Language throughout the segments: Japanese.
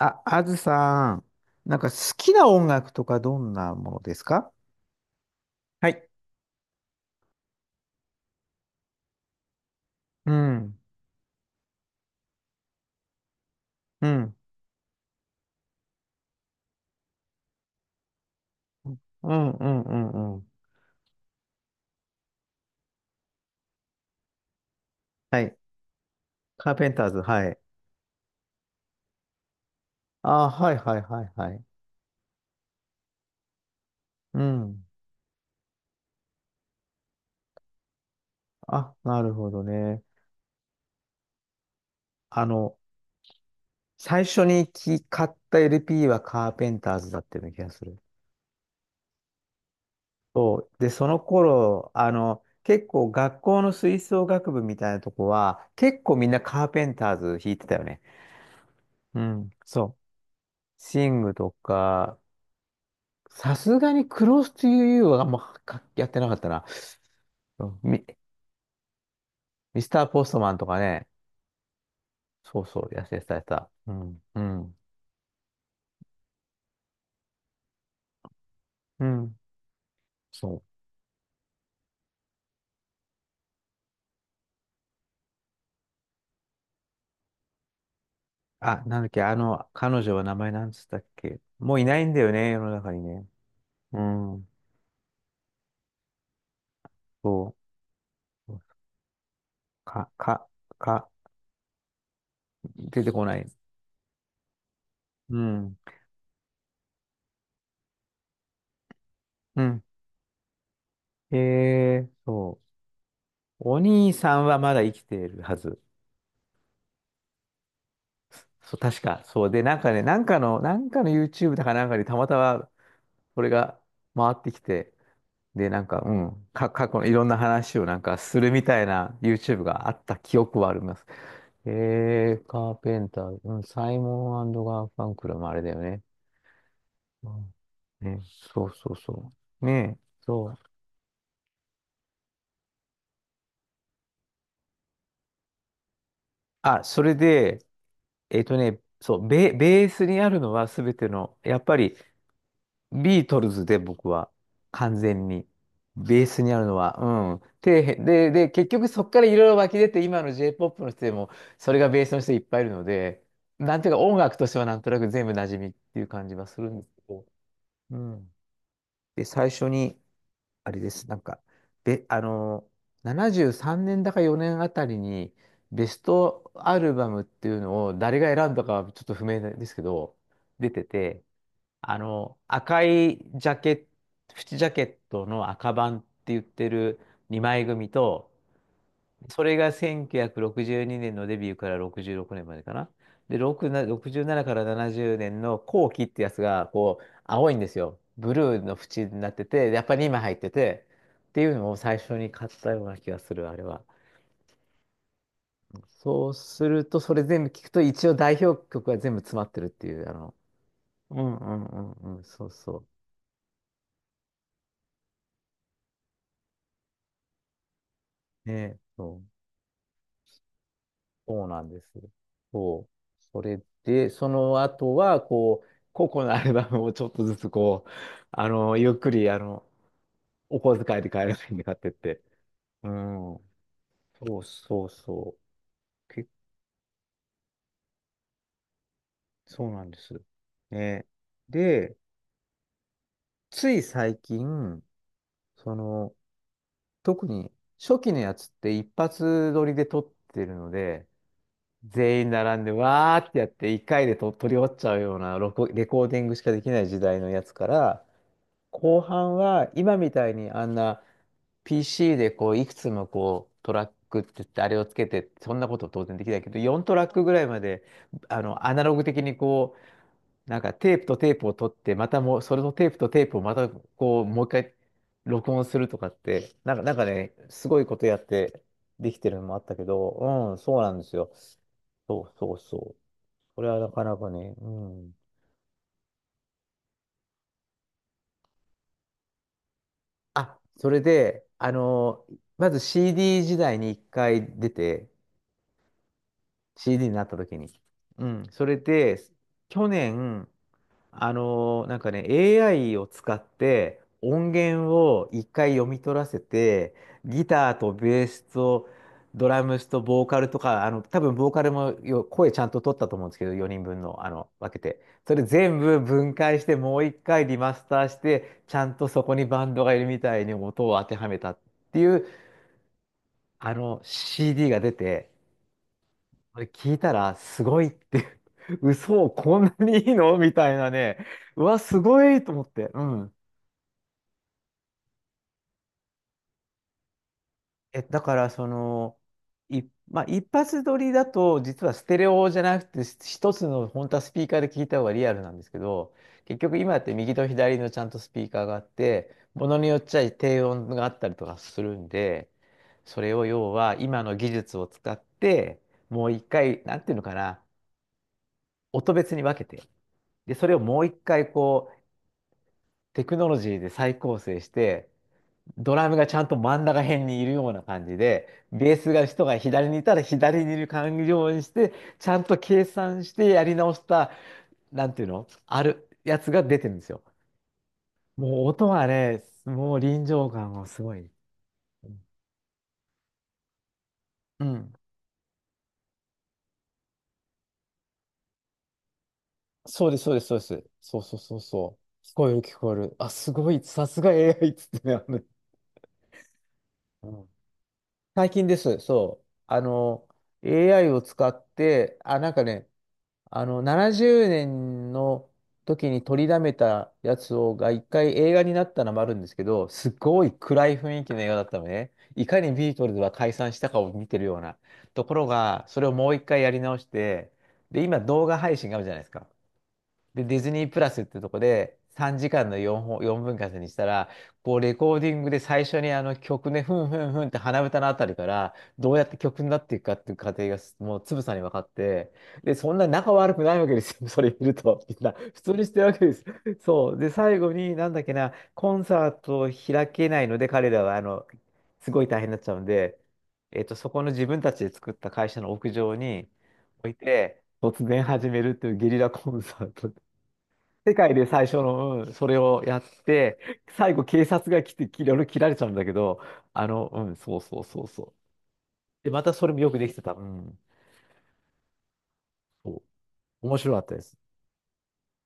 あ、あずさん、なんか好きな音楽とかどんなものですか？はい。うん、うん、うん、うん、うん、うん。はい。カーペンターズ、はい。あ、はい、はい、はい、はい。うん。あ、なるほどね。あの、最初に買った LP はカーペンターズだったような気がする。そう。で、その頃、あの、結構学校の吹奏楽部みたいなとこは、結構みんなカーペンターズ弾いてたよね。うん、そう。シングとか、さすがにクロスというはあんまかやってなかったな。うんミ、ミスターポストマンとかね。そうそう、やってた、やってた。うん、うん、うん。そう。あ、なんだっけ、あの、彼女は名前なんつったっけ。もういないんだよね、世の中にね。うん、そう。か、か、か、出てこない。うん、うん。ええ、そう。お兄さんはまだ生きているはず。そう、確か。そう。で、なんかね、なんかの YouTube だかなんかにたまたまそれが回ってきて、で、なんか、うん、過去のいろんな話をなんかするみたいな YouTube があった記憶はあります。カーペンター、うん、サイモンガーファンクルもあれだよね。うんね、そうそうそう。ねえ、そう。あ、それで、そう、ベースにあるのは全ての、やっぱりビートルズで僕は完全にベースにあるのは、うん。底辺で、結局そこからいろいろ湧き出て今の J-POP の人でもそれがベースの人いっぱいいるので、なんていうか音楽としてはなんとなく全部馴染みっていう感じはするんですけど、うん。で、最初に、あれです、なんか、あの、73年だか4年あたりにベストアルバムっていうのを誰が選んだかはちょっと不明ですけど、出てて、あの、赤いジャケット、縁ジャケットの赤版って言ってる2枚組と、それが1962年のデビューから66年までかな。で、6な67から70年の後期ってやつが、こう、青いんですよ。ブルーの縁になってて、やっぱり今入ってて、っていうのを最初に買ったような気がする、あれは。そうすると、それ全部聞くと、一応代表曲が全部詰まってるっていう、あの、うんうんうんうん、そうそう。ねえ、そう。そうなんです。そう。それで、その後は、こう、個々のアルバムをちょっとずつ、こう、あの、ゆっくり、あの、お小遣いで買えるんで買ってって。うん。そうそうそう。そうなんです。ね。で、つい最近、その、特に初期のやつって一発撮りで撮ってるので、全員並んで、わーってやって、一回でと取り終わっちゃうようなレコーディングしかできない時代のやつから、後半は今みたいにあんな PC でこういくつもこうトラックって言ってあれをつけてそんなこと当然できないけど4トラックぐらいまであのアナログ的にこうなんかテープとテープを取ってまたもうそれのテープとテープをまたこうもう一回録音するとかってなんかねすごいことやってできてるのもあったけど、うん、そうなんですよ。そうそうそう。これはなかなかね、うん。あ、それで、あのー、まず CD 時代に一回出て、CD になった時に。うん、それで、去年、あのー、なんかね、AI を使って音源を一回読み取らせて、ギターとベースとドラムスとボーカルとか、あの、多分ボーカルも声ちゃんと取ったと思うんですけど、4人分の、あの、分けて。それ全部分解して、もう一回リマスターして、ちゃんとそこにバンドがいるみたいに音を当てはめたっていう、あの、CD が出て、あれ聞いたら、すごいって、 嘘、こんなにいいのみたいなね。うわ、すごいと思って。うん。え、だから、その、い、まあ、一発撮りだと、実はステレオじゃなくて、一つの、本当はスピーカーで聞いた方がリアルなんですけど、結局今って右と左のちゃんとスピーカーがあって、ものによっちゃ低音があったりとかするんで、それを要は今の技術を使って、もう一回、なんていうのかな、音別に分けて、で、それをもう一回こう、テクノロジーで再構成して、ドラムがちゃんと真ん中辺にいるような感じで、ベースが人が左にいたら左にいる感じようにして、ちゃんと計算してやり直した、なんていうの、あるやつが出てるんですよ。もう音はね、もう臨場感がすごい。うん。そうです、そうです、そうです。そうそうそうそう。聞こえる、聞こえる。あ、すごい、さすが AI っつってね。あのね、うん、最近です、そう。あの、AI を使って、あ、なんかね、あの、70年の時に取りだめたやつが一回映画になったのもあるんですけど、すごい暗い雰囲気の映画だったのね。いかにビートルズは解散したかを見てるようなところが、それをもう一回やり直して、で、今動画配信があるじゃないですか。で、ディズニープラスってとこで3時間の4本、4分割にしたら、こうレコーディングで最初にあの曲ね、ふんふんふんって鼻歌のあたりから、どうやって曲になっていくかっていう過程がもうつぶさに分かって、で、そんな仲悪くないわけですよ。それ見ると、みんな普通にしてるわけです。そう。で、最後になんだっけな、コンサートを開けないので、彼らはあの、すごい大変になっちゃうんで、そこの自分たちで作った会社の屋上に置いて、突然始めるっていうゲリラコンサート。世界で最初の、うん、それをやって、最後警察が来て、いろいろ切られちゃうんだけど、あの、うん、そうそうそうそう。で、またそれもよくできてた。うん、そう。面白かったです。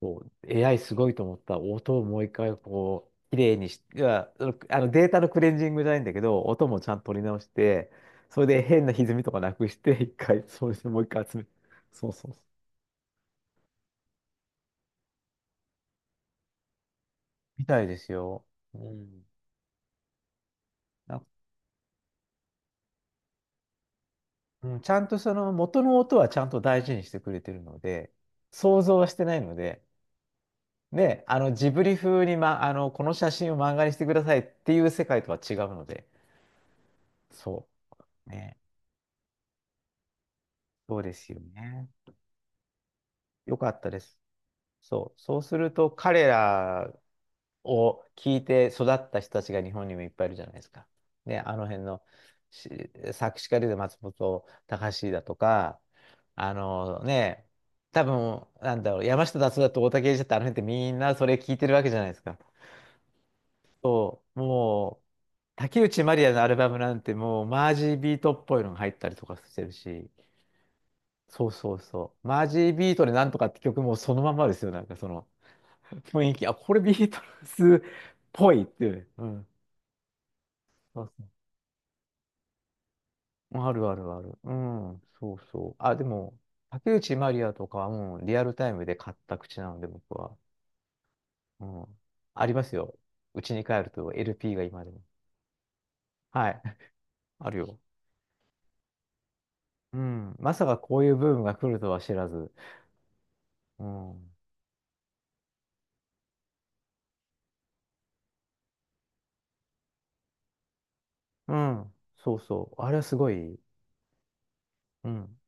そう。AI すごいと思った。音をもう一回、こう、綺麗にし、いや、そのあのデータのクレンジングじゃないんだけど、音もちゃんと取り直して、それで変な歪みとかなくして、一回、そうしてもう一回集め、そうそうそう。みたいですよ。うん。なんか、うん、ちゃんとその元の音はちゃんと大事にしてくれてるので、想像はしてないので、ね、あのジブリ風に、ま、あのこの写真を漫画にしてくださいっていう世界とは違うので、そう、ね、そうですよね。よかったです。そう、そうすると彼らを聞いて育った人たちが日本にもいっぱいいるじゃないですか。ね、あの辺のし作詞家で言うと松本隆だとか、あのね、多分、なんだろう、山下達郎と大竹英二だってあの辺ってみんなそれ聞いてるわけじゃないですか。そう、もう、竹内まりやのアルバムなんてもうマージービートっぽいのが入ったりとかしてるし、そうそうそう。マージービートでなんとかって曲もそのまんまですよ。なんかその雰囲気。あ、これビートルズっぽいっていう。うん。そうそう、あるあるある。うん、そうそう。あ、でも、竹内まりやとかはもうリアルタイムで買った口なので、僕は。うん。ありますよ。うちに帰ると LP が今でも。はい。あるよ。うん。まさかこういうブームが来るとは知らず。うん。うん。そうそう。あれはすごい。うん。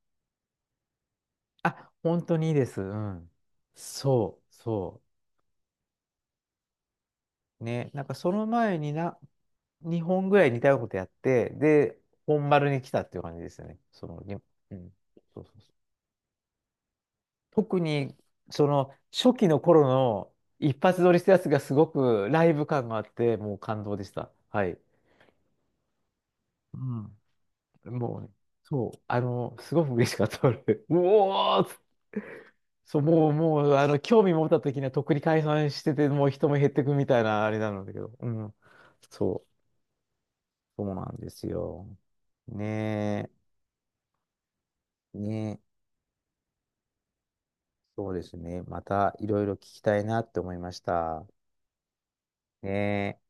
あ、本当にいいです。うん。そう、そう。ね。なんかその前にな、2本ぐらい似たようなことやって、で、本丸に来たっていう感じですよね。その、に、うん。そうそうそう。特に、その、初期の頃の一発撮りしたやつがすごくライブ感があって、もう感動でした。はい。うん。もうね、そう、あの、すごく嬉しかった。俺、 うおーっつ、そう、もう、あの、興味持った時にはとっくに解散してて、もう人も減ってくみたいな、あれなんだけど。うん。そう、そうなんですよ。ねえ。ねえ。そうですね。またいろいろ聞きたいなって思いました。ねえ。